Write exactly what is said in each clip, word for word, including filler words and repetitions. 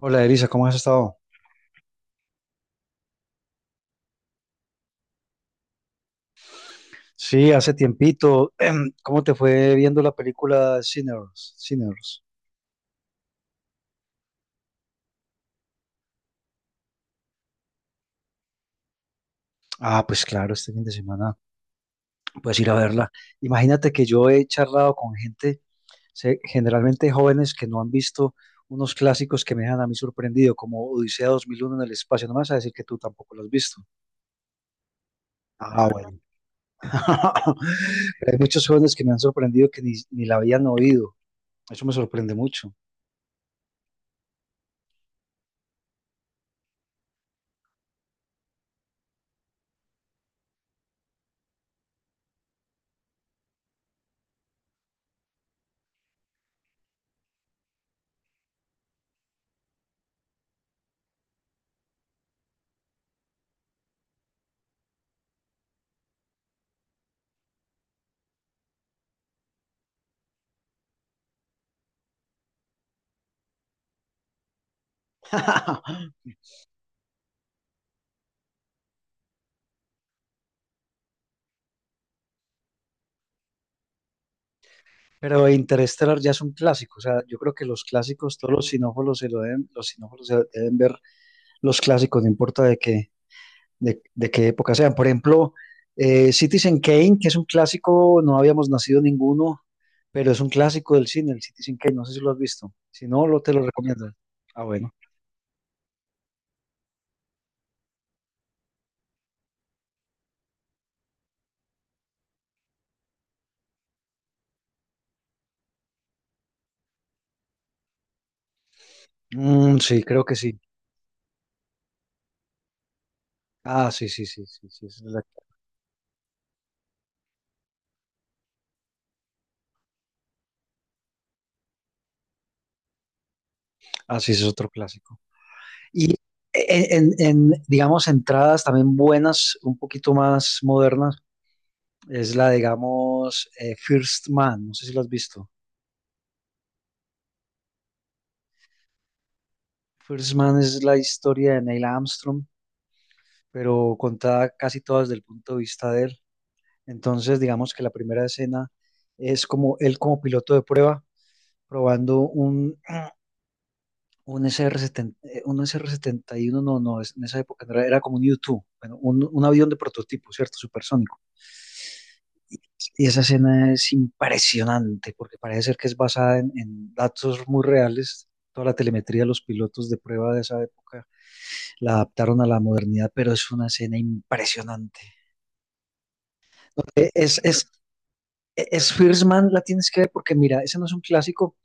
Hola, Elisa, ¿cómo has estado? Sí, hace tiempito. Em, ¿Cómo te fue viendo la película Sinners? Sinners. Ah, pues claro, este fin de semana puedes ir a verla. Imagínate que yo he charlado con gente, se- generalmente jóvenes que no han visto unos clásicos que me dejan a mí sorprendido, como Odisea dos mil uno en el espacio. No me vas a decir que tú tampoco lo has visto. Ah, bueno. Pero hay muchos jóvenes que me han sorprendido que ni, ni la habían oído. Eso me sorprende mucho. Pero Interstellar ya es un clásico, o sea, yo creo que los clásicos, todos los sinófilos se lo deben, los sinófilos se deben ver los clásicos, no importa de qué, de, de qué época sean. Por ejemplo, eh, Citizen Kane, que es un clásico, no habíamos nacido ninguno, pero es un clásico del cine, el Citizen Kane, no sé si lo has visto. Si no, lo te lo recomiendo. Ah, bueno. Mm, sí, creo que sí. Ah, sí, sí, sí, sí, sí. esa es la- Ah, sí, ese es otro clásico. Y en, en- en, digamos, entradas también buenas, un poquito más modernas. Es la, digamos, eh, First Man, no sé si lo has visto. First Man es la historia de Neil Armstrong, pero contada casi toda desde el punto de vista de él. Entonces, digamos que la primera escena es como él como piloto de prueba, probando un, un ese erre setenta, eh, un ese erre setenta y uno, no, no, es- en esa época no era, era como un u dos, bueno, un, un avión de prototipo, ¿cierto? Supersónico. Y esa escena es impresionante porque parece ser que es basada en, en datos muy reales. Toda la telemetría de los pilotos de prueba de esa época la adaptaron a la modernidad, pero es una escena impresionante. No, Eh, Es, es, es First Man, la tienes que ver porque mira, ese no es un clásico,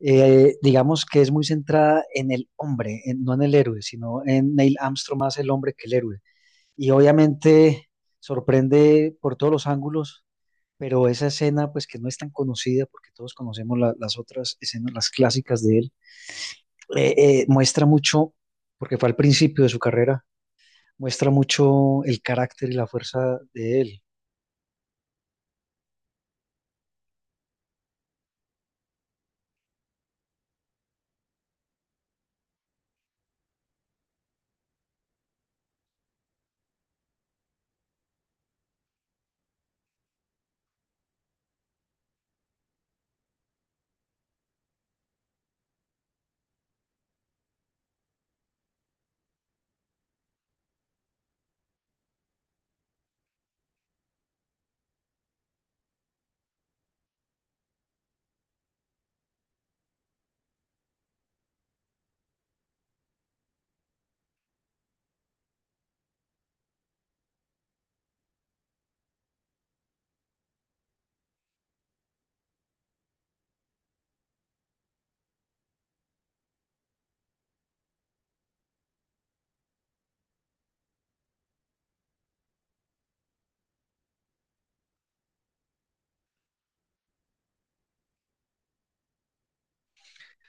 eh, digamos que es muy centrada en el hombre, en- no en el héroe, sino en Neil Armstrong más el hombre que el héroe. Y obviamente sorprende por todos los ángulos. Pero esa escena, pues que no es tan conocida, porque todos conocemos la- las otras escenas, las clásicas de él. eh, eh, Muestra mucho, porque fue al principio de su carrera, muestra mucho el carácter y la fuerza de él.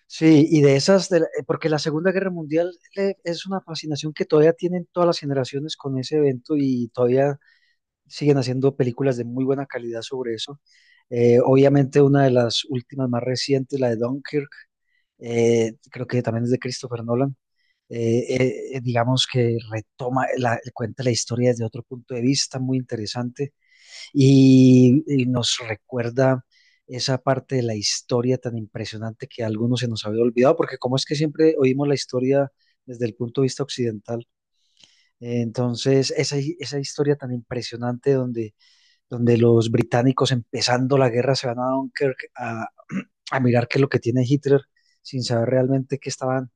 Sí, y de esas, de la- eh, porque la Segunda Guerra Mundial le- es una fascinación que todavía tienen todas las generaciones con ese evento y todavía siguen haciendo películas de muy buena calidad sobre eso. Eh, obviamente una de las últimas más recientes, la de Dunkirk. Eh, creo que también es de Christopher Nolan. Eh, eh, eh, digamos que retoma, la, cuenta la historia desde otro punto de vista muy interesante, y, y, nos recuerda esa parte de la historia tan impresionante que a algunos se nos había olvidado, porque como es que siempre oímos la historia desde el punto de vista occidental. Eh, entonces esa, hi- esa historia tan impresionante donde, donde los británicos empezando la guerra se van a Dunkirk a, a mirar qué es lo que tiene Hitler sin saber realmente qué estaban,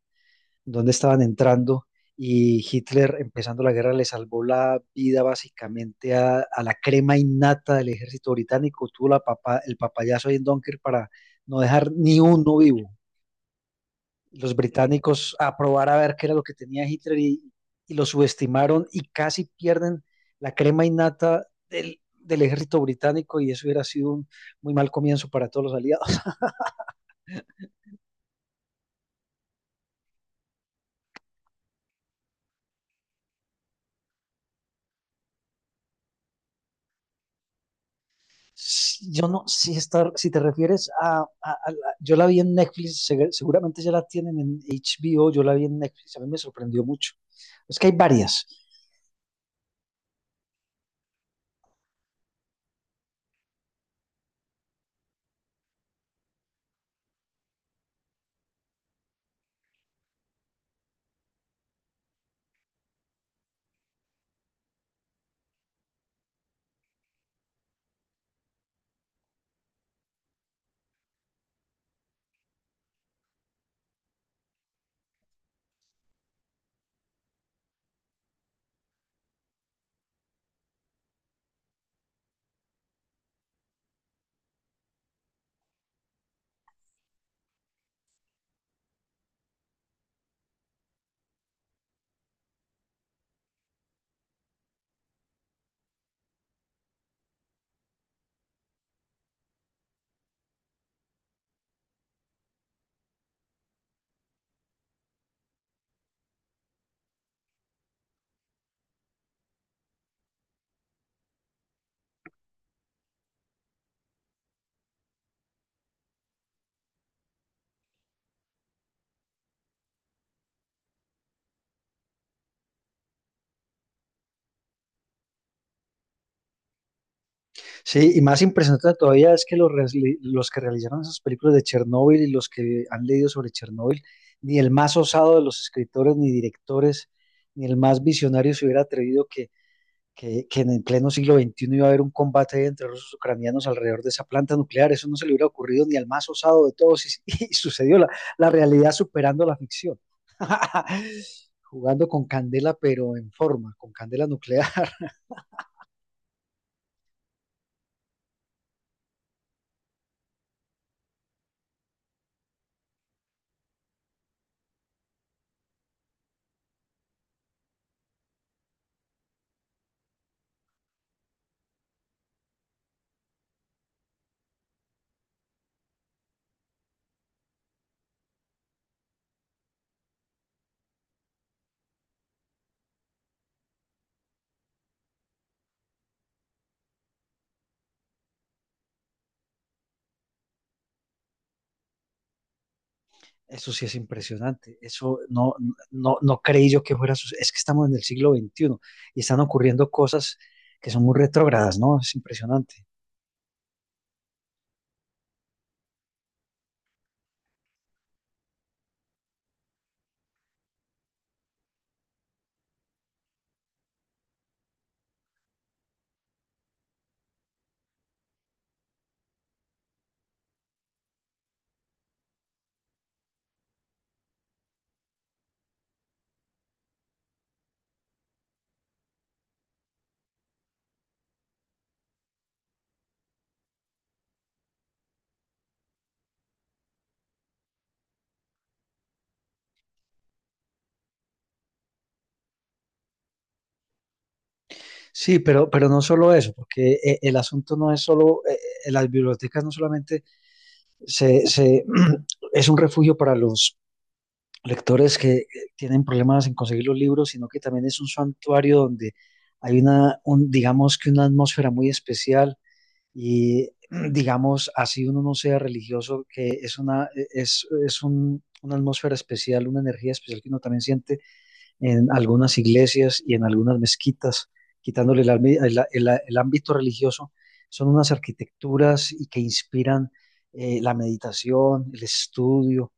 dónde estaban entrando. Y Hitler empezando la guerra le salvó la vida básicamente a, a la crema innata del ejército británico. Tuvo la papa- el papayazo ahí en Dunkirk para no dejar ni uno vivo. Los británicos a probar a ver qué era lo que tenía Hitler, y, y, lo subestimaron y casi pierden la crema innata del, del ejército británico, y eso hubiera sido un muy mal comienzo para todos los aliados. Yo no, si está. Si te refieres a, a- a la- yo la vi en Netflix, seg- seguramente ya la tienen en H B O, yo la vi en Netflix, a mí me sorprendió mucho. Es que hay varias. Sí, y más impresionante todavía es que los, resli- los que realizaron esas películas de Chernóbil y los que han leído sobre Chernóbil, ni el más osado de los escritores ni directores, ni el más visionario se hubiera atrevido que que, que en el pleno siglo veintiuno iba a haber un combate entre rusos y ucranianos alrededor de esa planta nuclear. Eso no se le hubiera ocurrido ni al más osado de todos, y, y sucedió la, la, realidad superando la ficción. Jugando con candela, pero en forma, con candela nuclear. Eso sí es impresionante. Eso no, no, no creí yo que fuera. Es que estamos en el siglo veintiuno y están ocurriendo cosas que son muy retrógradas, ¿no? Es impresionante. Sí, pero, pero no solo eso, porque eh, el asunto no es solo. Eh, eh, las bibliotecas no solamente se, se, es un refugio para los lectores que tienen problemas en conseguir los libros, sino que también es un santuario donde hay una, un, digamos que una atmósfera muy especial y digamos, así uno no sea religioso, que es una, e, es, es un, una atmósfera especial, una energía especial que uno también siente en algunas iglesias y en algunas mezquitas, quitándole el, ambi- el- el- el ámbito religioso. Son unas arquitecturas y que inspiran eh, la meditación, el estudio,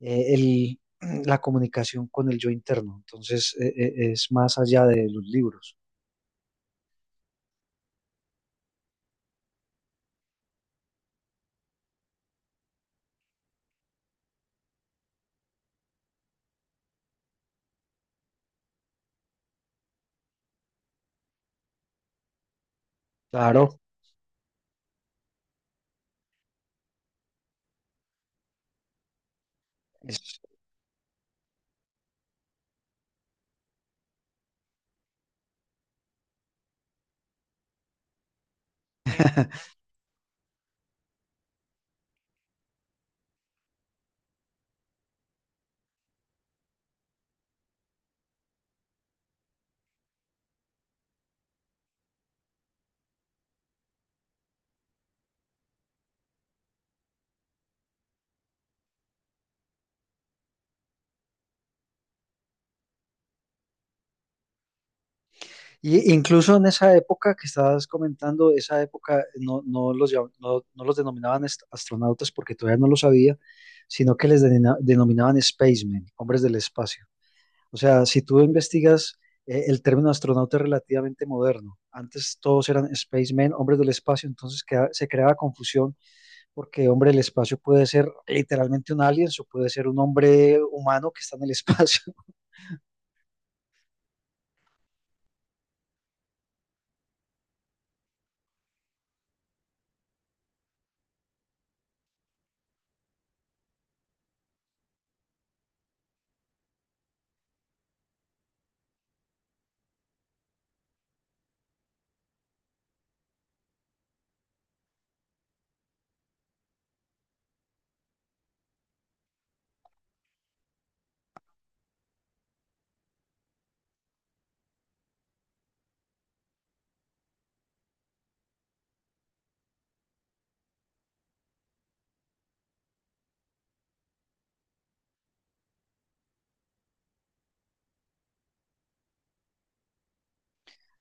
eh, el- la comunicación con el yo interno. Entonces, eh, eh, es más allá de los libros. Claro. Y incluso en esa época que estabas comentando, esa época no, no los, llam- no, no los denominaban est- astronautas porque todavía no lo sabía, sino que les denomina- denominaban spacemen, hombres del espacio. O sea, si tú investigas, eh, el término astronauta es relativamente moderno. Antes todos eran spacemen, hombres del espacio, entonces queda- se creaba confusión porque hombre del espacio puede ser literalmente un alien o puede ser un hombre humano que está en el espacio.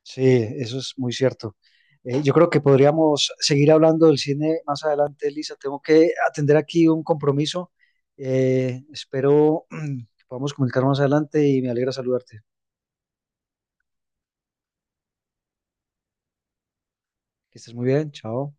Sí, eso es muy cierto. Eh, yo creo que podríamos seguir hablando del cine más adelante, Elisa. Tengo que atender aquí un compromiso. Eh, espero mm, que podamos comunicarnos más adelante y me alegra saludarte. Que estés muy bien. Chao.